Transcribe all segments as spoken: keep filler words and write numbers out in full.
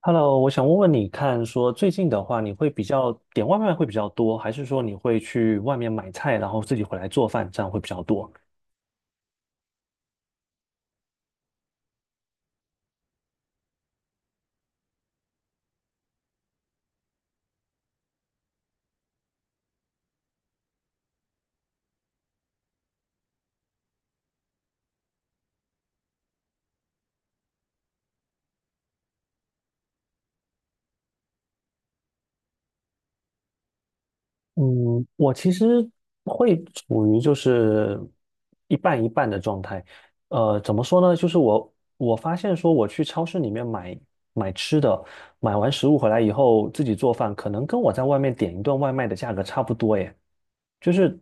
Hello，我想问问你看，说最近的话，你会比较点外卖会比较多，还是说你会去外面买菜，然后自己回来做饭，这样会比较多？嗯，我其实会处于就是一半一半的状态。呃，怎么说呢？就是我我发现说，我去超市里面买买吃的，买完食物回来以后自己做饭，可能跟我在外面点一顿外卖的价格差不多耶，就是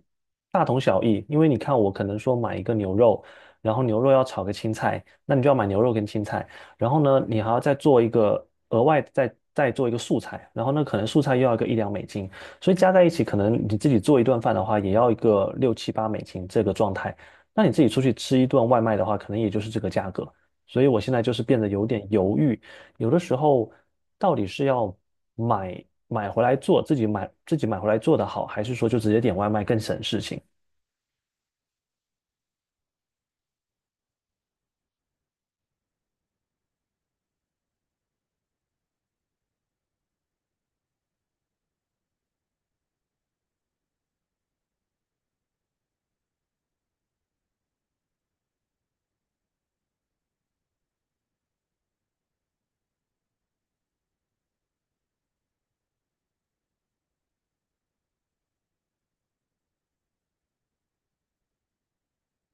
大同小异。因为你看，我可能说买一个牛肉，然后牛肉要炒个青菜，那你就要买牛肉跟青菜。然后呢，你还要再做一个额外再再做一个素菜，然后呢，可能素菜又要个一两美金，所以加在一起，可能你自己做一顿饭的话，也要一个六七八美金这个状态。那你自己出去吃一顿外卖的话，可能也就是这个价格。所以我现在就是变得有点犹豫，有的时候到底是要买买回来做，自己买自己买回来做的好，还是说就直接点外卖更省事情？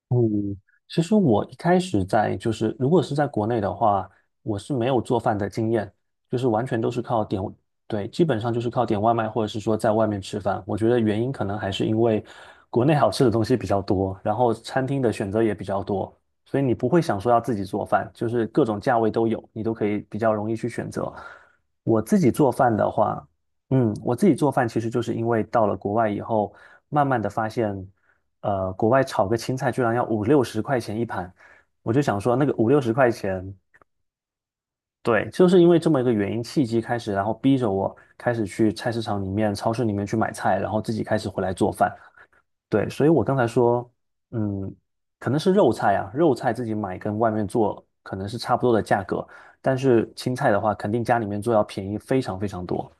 嗯，其实我一开始在就是，如果是在国内的话，我是没有做饭的经验，就是完全都是靠点，对，基本上就是靠点外卖或者是说在外面吃饭。我觉得原因可能还是因为国内好吃的东西比较多，然后餐厅的选择也比较多，所以你不会想说要自己做饭，就是各种价位都有，你都可以比较容易去选择。我自己做饭的话，嗯，我自己做饭其实就是因为到了国外以后，慢慢的发现，呃，国外炒个青菜居然要五六十块钱一盘，我就想说那个五六十块钱，对，就是因为这么一个原因契机开始，然后逼着我开始去菜市场里面、超市里面去买菜，然后自己开始回来做饭。对，所以我刚才说，嗯，可能是肉菜啊，肉菜自己买跟外面做可能是差不多的价格，但是青菜的话，肯定家里面做要便宜非常非常多。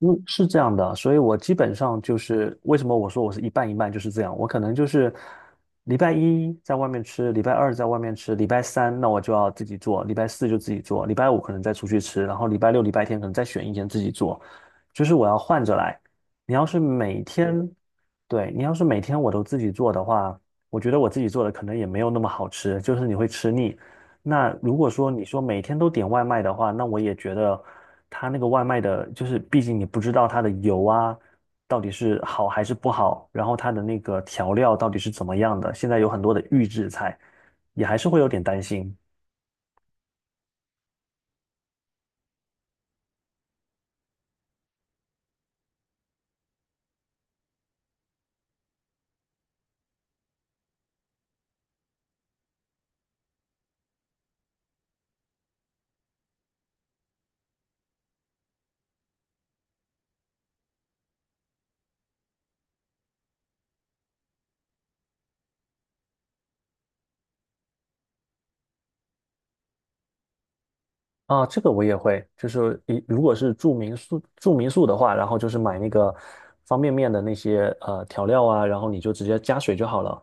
嗯，是这样的，所以我基本上就是为什么我说我是一半一半就是这样，我可能就是礼拜一在外面吃，礼拜二在外面吃，礼拜三那我就要自己做，礼拜四就自己做，礼拜五可能再出去吃，然后礼拜六、礼拜天可能再选一天自己做，就是我要换着来。你要是每天，对，你要是每天我都自己做的话，我觉得我自己做的可能也没有那么好吃，就是你会吃腻。那如果说你说每天都点外卖的话，那我也觉得。它那个外卖的，就是毕竟你不知道它的油啊到底是好还是不好，然后它的那个调料到底是怎么样的，现在有很多的预制菜，也还是会有点担心啊。这个我也会，就是一如果是住民宿住民宿的话，然后就是买那个方便面的那些呃调料啊，然后你就直接加水就好了。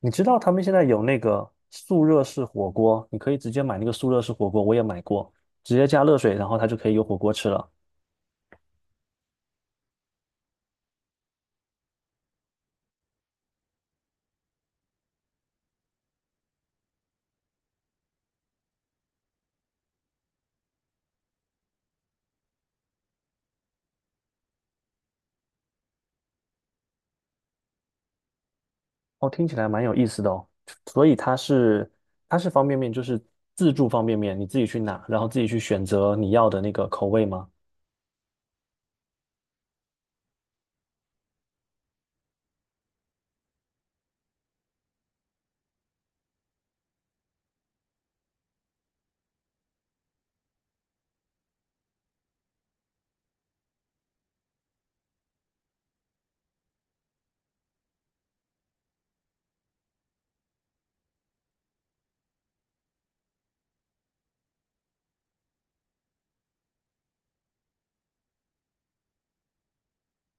你知道他们现在有那个速热式火锅，你可以直接买那个速热式火锅，我也买过，直接加热水，然后它就可以有火锅吃了。哦，听起来蛮有意思的哦。所以它是它是方便面，就是自助方便面，你自己去拿，然后自己去选择你要的那个口味吗？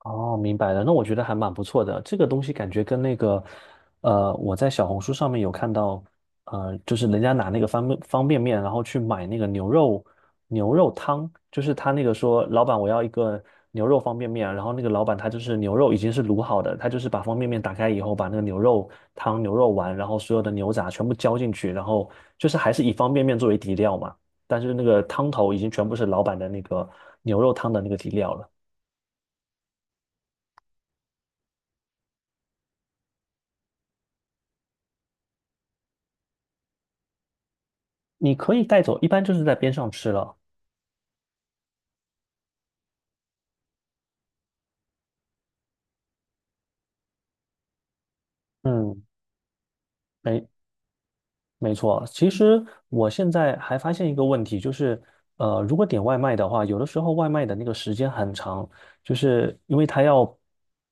哦，明白了。那我觉得还蛮不错的。这个东西感觉跟那个，呃，我在小红书上面有看到，呃，就是人家拿那个方便方便面，然后去买那个牛肉牛肉汤，就是他那个说，老板我要一个牛肉方便面，然后那个老板他就是牛肉已经是卤好的，他就是把方便面打开以后，把那个牛肉汤、牛肉丸，然后所有的牛杂全部浇进去，然后就是还是以方便面作为底料嘛，但是那个汤头已经全部是老板的那个牛肉汤的那个底料了。你可以带走，一般就是在边上吃了。嗯，没没错，其实我现在还发现一个问题，就是，呃，如果点外卖的话，有的时候外卖的那个时间很长，就是因为他要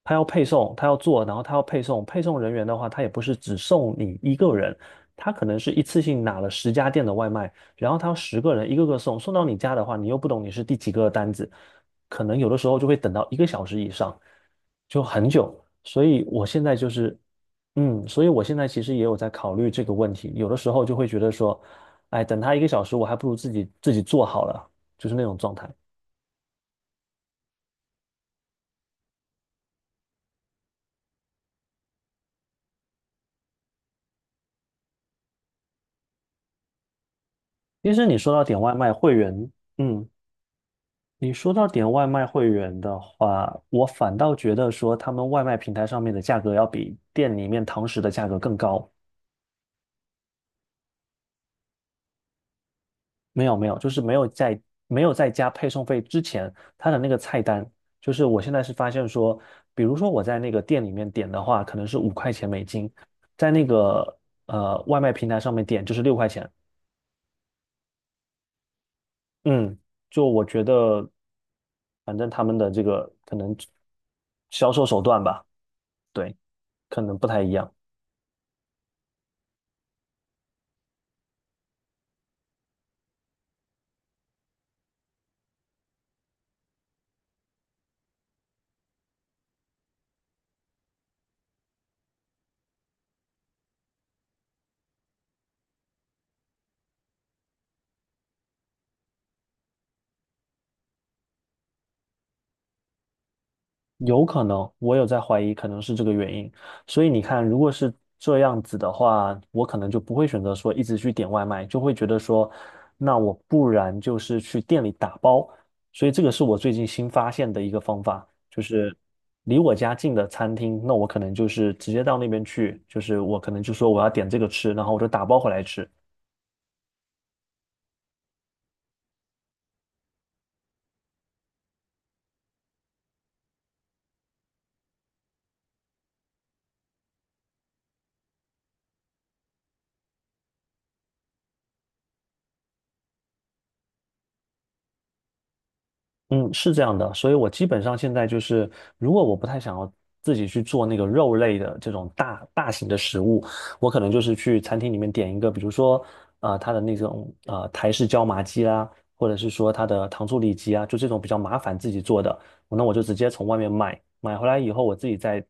他要配送，他要做，然后他要配送，配送人员的话，他也不是只送你一个人，他可能是一次性拿了十家店的外卖，然后他要十个人一个个送，送到你家的话，你又不懂你是第几个单子，可能有的时候就会等到一个小时以上，就很久。所以我现在就是嗯，所以我现在其实也有在考虑这个问题，有的时候就会觉得说，哎，等他一个小时，我还不如自己自己做好了，就是那种状态。其实你说到点外卖会员，嗯，你说到点外卖会员的话，我反倒觉得说他们外卖平台上面的价格要比店里面堂食的价格更高，没有没有，就是没有在没有在加配送费之前，他的那个菜单，就是我现在是发现说，比如说我在那个店里面点的话，可能是五块钱美金，在那个呃外卖平台上面点就是六块钱。嗯，就我觉得，反正他们的这个可能销售手段吧，对，可能不太一样。有可能，我有在怀疑，可能是这个原因。所以你看，如果是这样子的话，我可能就不会选择说一直去点外卖，就会觉得说，那我不然就是去店里打包。所以这个是我最近新发现的一个方法，就是离我家近的餐厅，那我可能就是直接到那边去，就是我可能就说我要点这个吃，然后我就打包回来吃。嗯，是这样的，所以我基本上现在就是，如果我不太想要自己去做那个肉类的这种大大型的食物，我可能就是去餐厅里面点一个，比如说，呃，它的那种呃台式椒麻鸡啦，或者是说它的糖醋里脊啊，就这种比较麻烦自己做的，那我就直接从外面买，买回来以后我自己再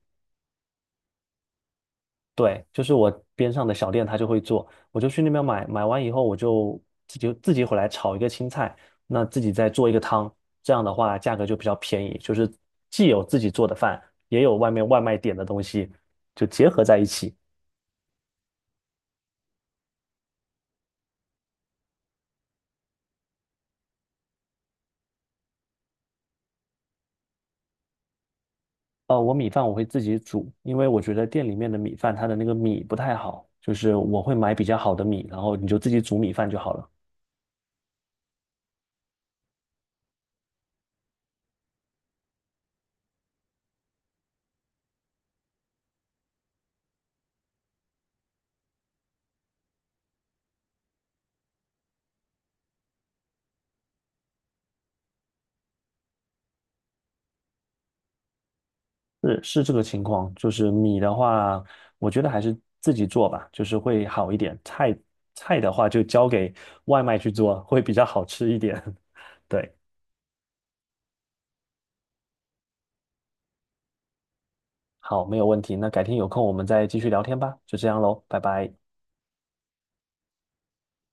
对，就是我边上的小店，他就会做，我就去那边买，买完以后我就自己自己回来炒一个青菜，那自己再做一个汤，这样的话价格就比较便宜，就是既有自己做的饭，也有外面外卖点的东西，就结合在一起。哦，我米饭我会自己煮，因为我觉得店里面的米饭它的那个米不太好，就是我会买比较好的米，然后你就自己煮米饭就好了。是是这个情况，就是米的话，我觉得还是自己做吧，就是会好一点。菜菜的话就交给外卖去做，会比较好吃一点。对，好，没有问题。那改天有空我们再继续聊天吧，就这样喽，拜拜。